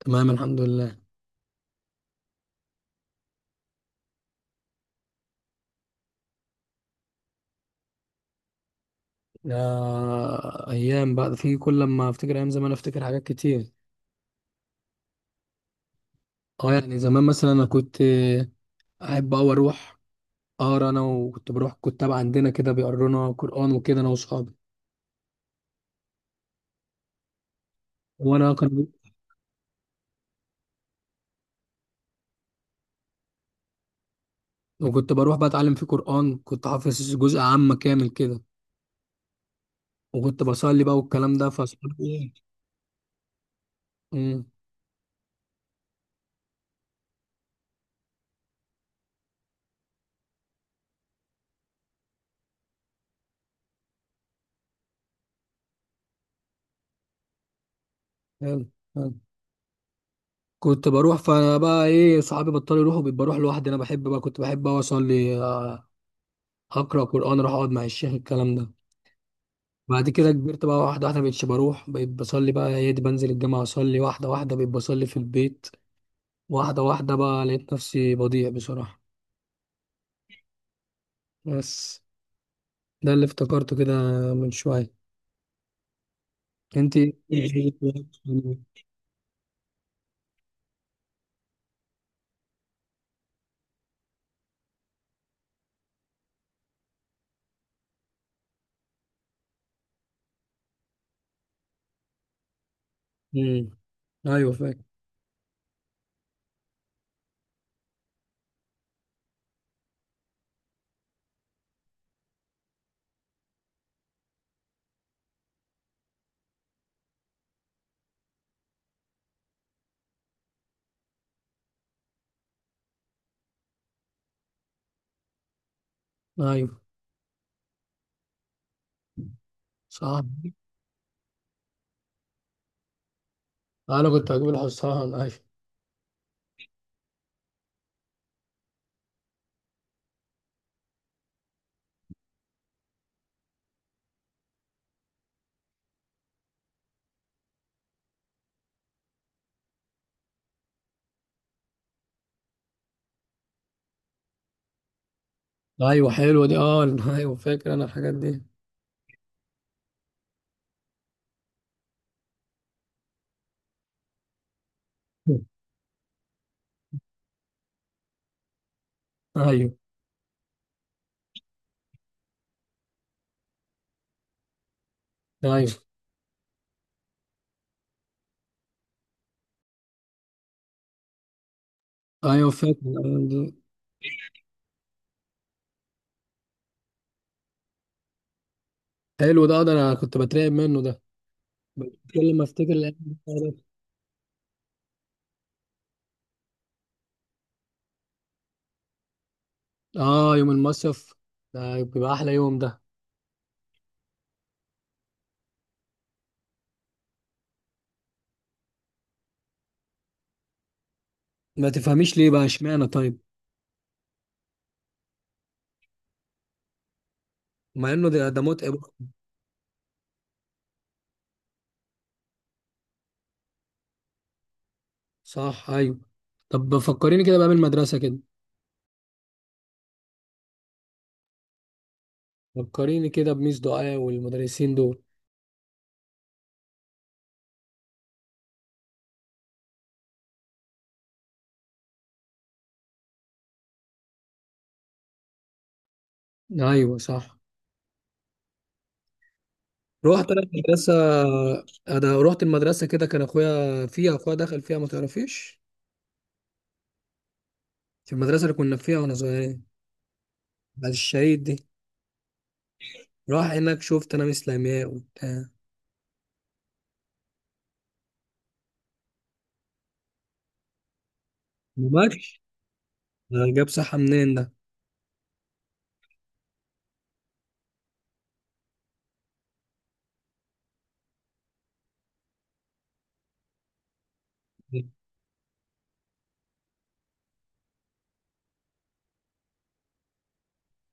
تمام الحمد لله. آه، ايام بقى، في كل لما افتكر ايام زمان افتكر حاجات كتير. اه يعني زمان مثلا انا كنت احب اوي اروح اقرا، انا وكنت بروح كتاب عندنا كده بيقرونا قران وكده انا واصحابي. وانا كان وكنت بروح بقى اتعلم فيه قران، كنت حافظ جزء عامه كامل كده، وكنت بصلي بقى والكلام ده فاصحابي ايه. امم حلو، حلو. كنت بروح فبقى ايه صحابي بطلوا يروحوا، بقيت بروح لوحدي. انا بحب بقى، كنت بحب اوي اصلي اقرا قران، اروح اقعد مع الشيخ الكلام ده. بعد كده كبرت بقى، واحدة واحدة مبقتش بروح، بقيت بصلي بقى يا دي بنزل الجامعة أصلي، واحدة واحدة بقيت بصلي في البيت، واحدة واحدة بقى لقيت نفسي بضيع بصراحة. بس ده اللي افتكرته كده من شوية. انت؟ امم. ايوه فاكر. ايوه صح. انا كنت هجيب الحصان، ايوه. ايوه، حلوة دي، اه ايوه فاكر انا الحاجات دي. ايوه، ايوه، ايوه فاكر. حلو ده، ده انا كنت بترعب منه ده كل ما افتكر الايام دي. اه يوم المصيف ده بيبقى احلى يوم ده. ما تفهميش ليه بقى اشمعنى طيب؟ مع انه ده ده متعب. صح، ايوه. طب فكريني كده بقى بالمدرسه كده، فكريني كده بميس دعاء والمدرسين دول. ايوه صح. رحت انا المدرسه، انا رحت المدرسه كده. كان اخويا فيها، اخويا دخل فيها ما تعرفيش. في المدرسه اللي كنا فيها واحنا صغيرين، بعد الشهيد دي. راح هناك، شفت انا ميس لمياء وبتاع. ما جابش صحه منين ده.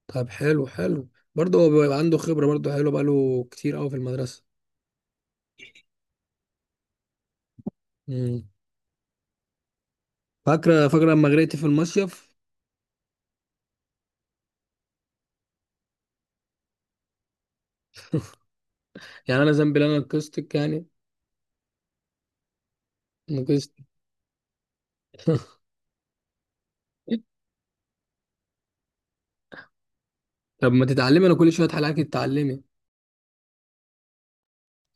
طب حلو حلو، برضه هو بيبقى عنده خبرة، برضه حلو بقاله كتير قوي في المدرسة. امم. فاكرة؟ فاكرة لما غرقت في المصيف؟ يعني أنا ذنبي إن أنا نقصتك يعني؟ نقصت. طب ما تتعلمي؟ أنا كل شوية حلقات تتعلمي.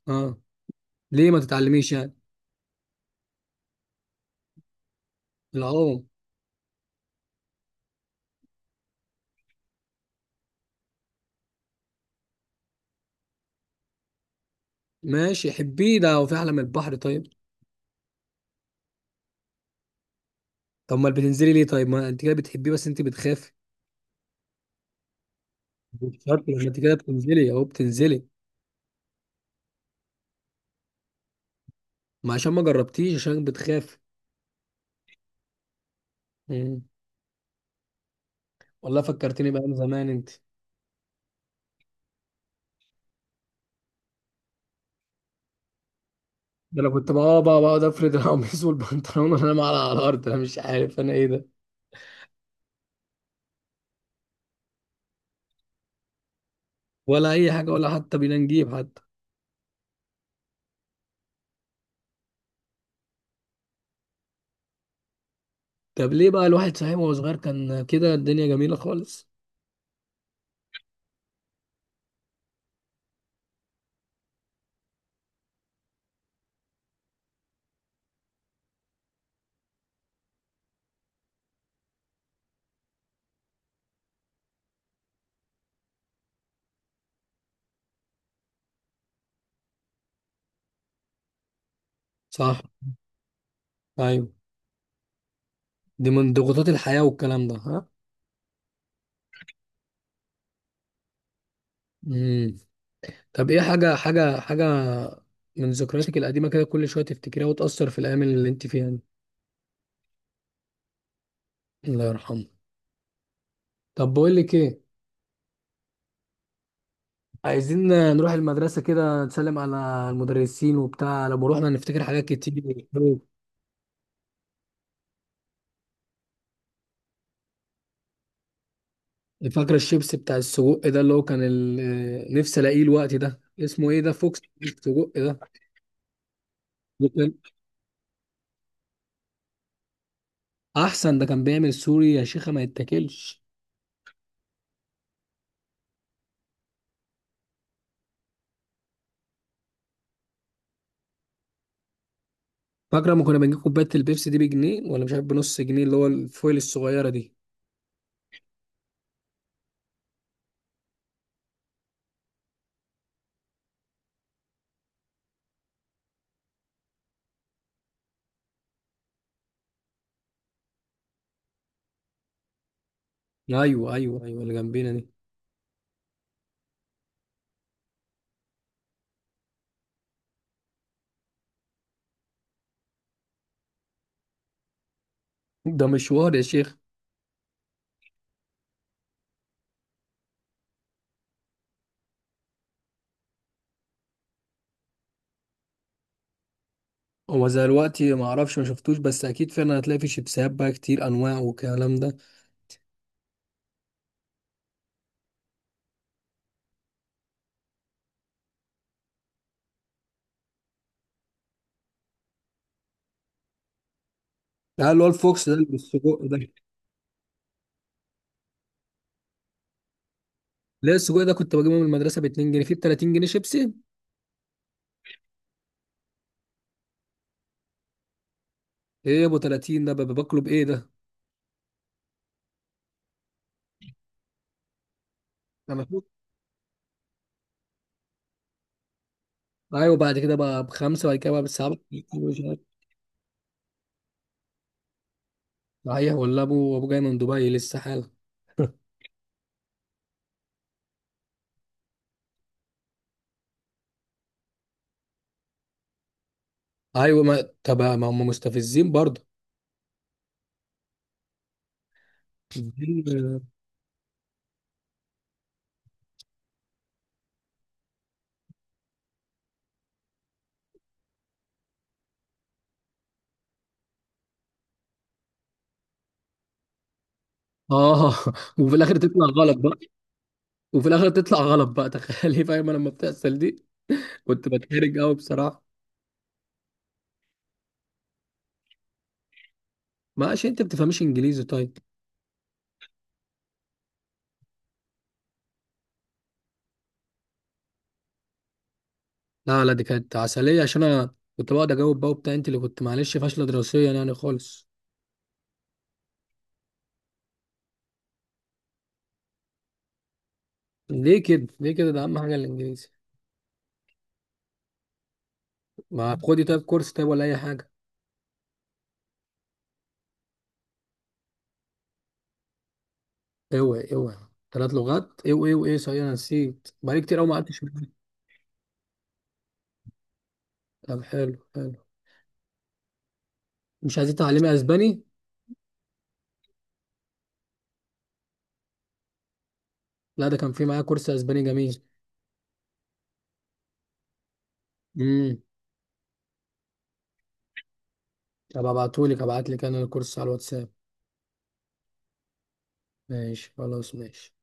أه. ليه ما تتعلميش يعني؟ العوم. ماشي حبيه ده، وفي أحلى من البحر طيب؟ طب ما بتنزلي ليه طيب؟ ما أنت كده بتحبيه، بس أنت بتخافي. مش شرط، لما أنت كده بتنزلي أهو بتنزلي. ما عشان ما جربتيش، عشان بتخافي. امم. والله فكرتني بأيام زمان أنت. ده انا كنت بقى بقعد افرد القميص والبنطلون وانا مع على الارض، انا مش عارف انا ايه ده. ولا اي حاجه ولا حتى بينا نجيب حتى. طب ليه بقى الواحد صحيح وهو صغير كان كده الدنيا جميله خالص؟ صح، ايوه. دي من ضغوطات الحياه والكلام ده، ها. امم. طب ايه حاجه حاجه من ذكرياتك القديمه كده كل شويه تفتكريها وتاثر في الايام اللي انت فيها دي؟ الله يرحمه. طب بقول لك ايه، عايزين نروح المدرسه كده نسلم على المدرسين وبتاع، لما روحنا نفتكر حاجات كتير. فاكرة الشيبس بتاع السجق ده؟ اللي هو كان ال- نفسي الاقيه الوقت ده، اسمه ايه ده، فوكس السجق ده. ده كان احسن، ده كان بيعمل سوري يا شيخة ما يتاكلش. فاكرة ما كنا بنجيب كوباية البيبسي دي بجنيه ولا مش عارف بنص جنيه، اللي هو الفويل الصغيرة دي؟ ايوه ايوه ايوه، اللي جنبينا دي. ده مشوار يا شيخ. هو زي دلوقتي ما اعرفش، ما شفتوش، بس اكيد فعلا هتلاقي في شيبسات بقى كتير انواع والكلام ده. لا اللي هو الفوكس ده، اللي بالسجق ده. لا السجق ده كنت بجيبه من المدرسة ب 2 جنيه، فيه ب 30 جنيه شيبسي؟ ايه يا ابو 30 ده، ببقى باكله بايه ده؟ انا شفت. ايوه بعد كده بقى بخمسه، بعد كده بقى بالساعه. مش عارف. صحيح ولا ابو جاي من دبي لسه حالا. ايوه، ما طب ما هم مستفزين برضه. مستفزين، اه. وفي الاخر تطلع غلط بقى. وفي الاخر تطلع غلط بقى، تخيلي. فاهم انا لما بتحصل دي، كنت بتحرج قوي بصراحه. ماشي، انت بتفهميش انجليزي طيب. لا لا، دي كانت عسليه عشان انا كنت بقعد اجاوب بقى وبتاع، انت اللي كنت معلش فاشله دراسيا يعني خالص. ليه كده؟ ليه كده؟ ده اهم حاجه الانجليزي. ما خدي طيب كورس، طيب، ولا اي حاجه. اوعي اوعي، ثلاث لغات، اوعي اوعي، صحيح انا نسيت، بقالي كتير قوي ما قعدتش معاك. طب حلو حلو. مش عايزين تعلمي اسباني؟ لا ده كان في معايا كورس اسباني جميل. امم. طب ابعتهولك، ابعتلك انا الكورس على الواتساب. ماشي خلاص ماشي.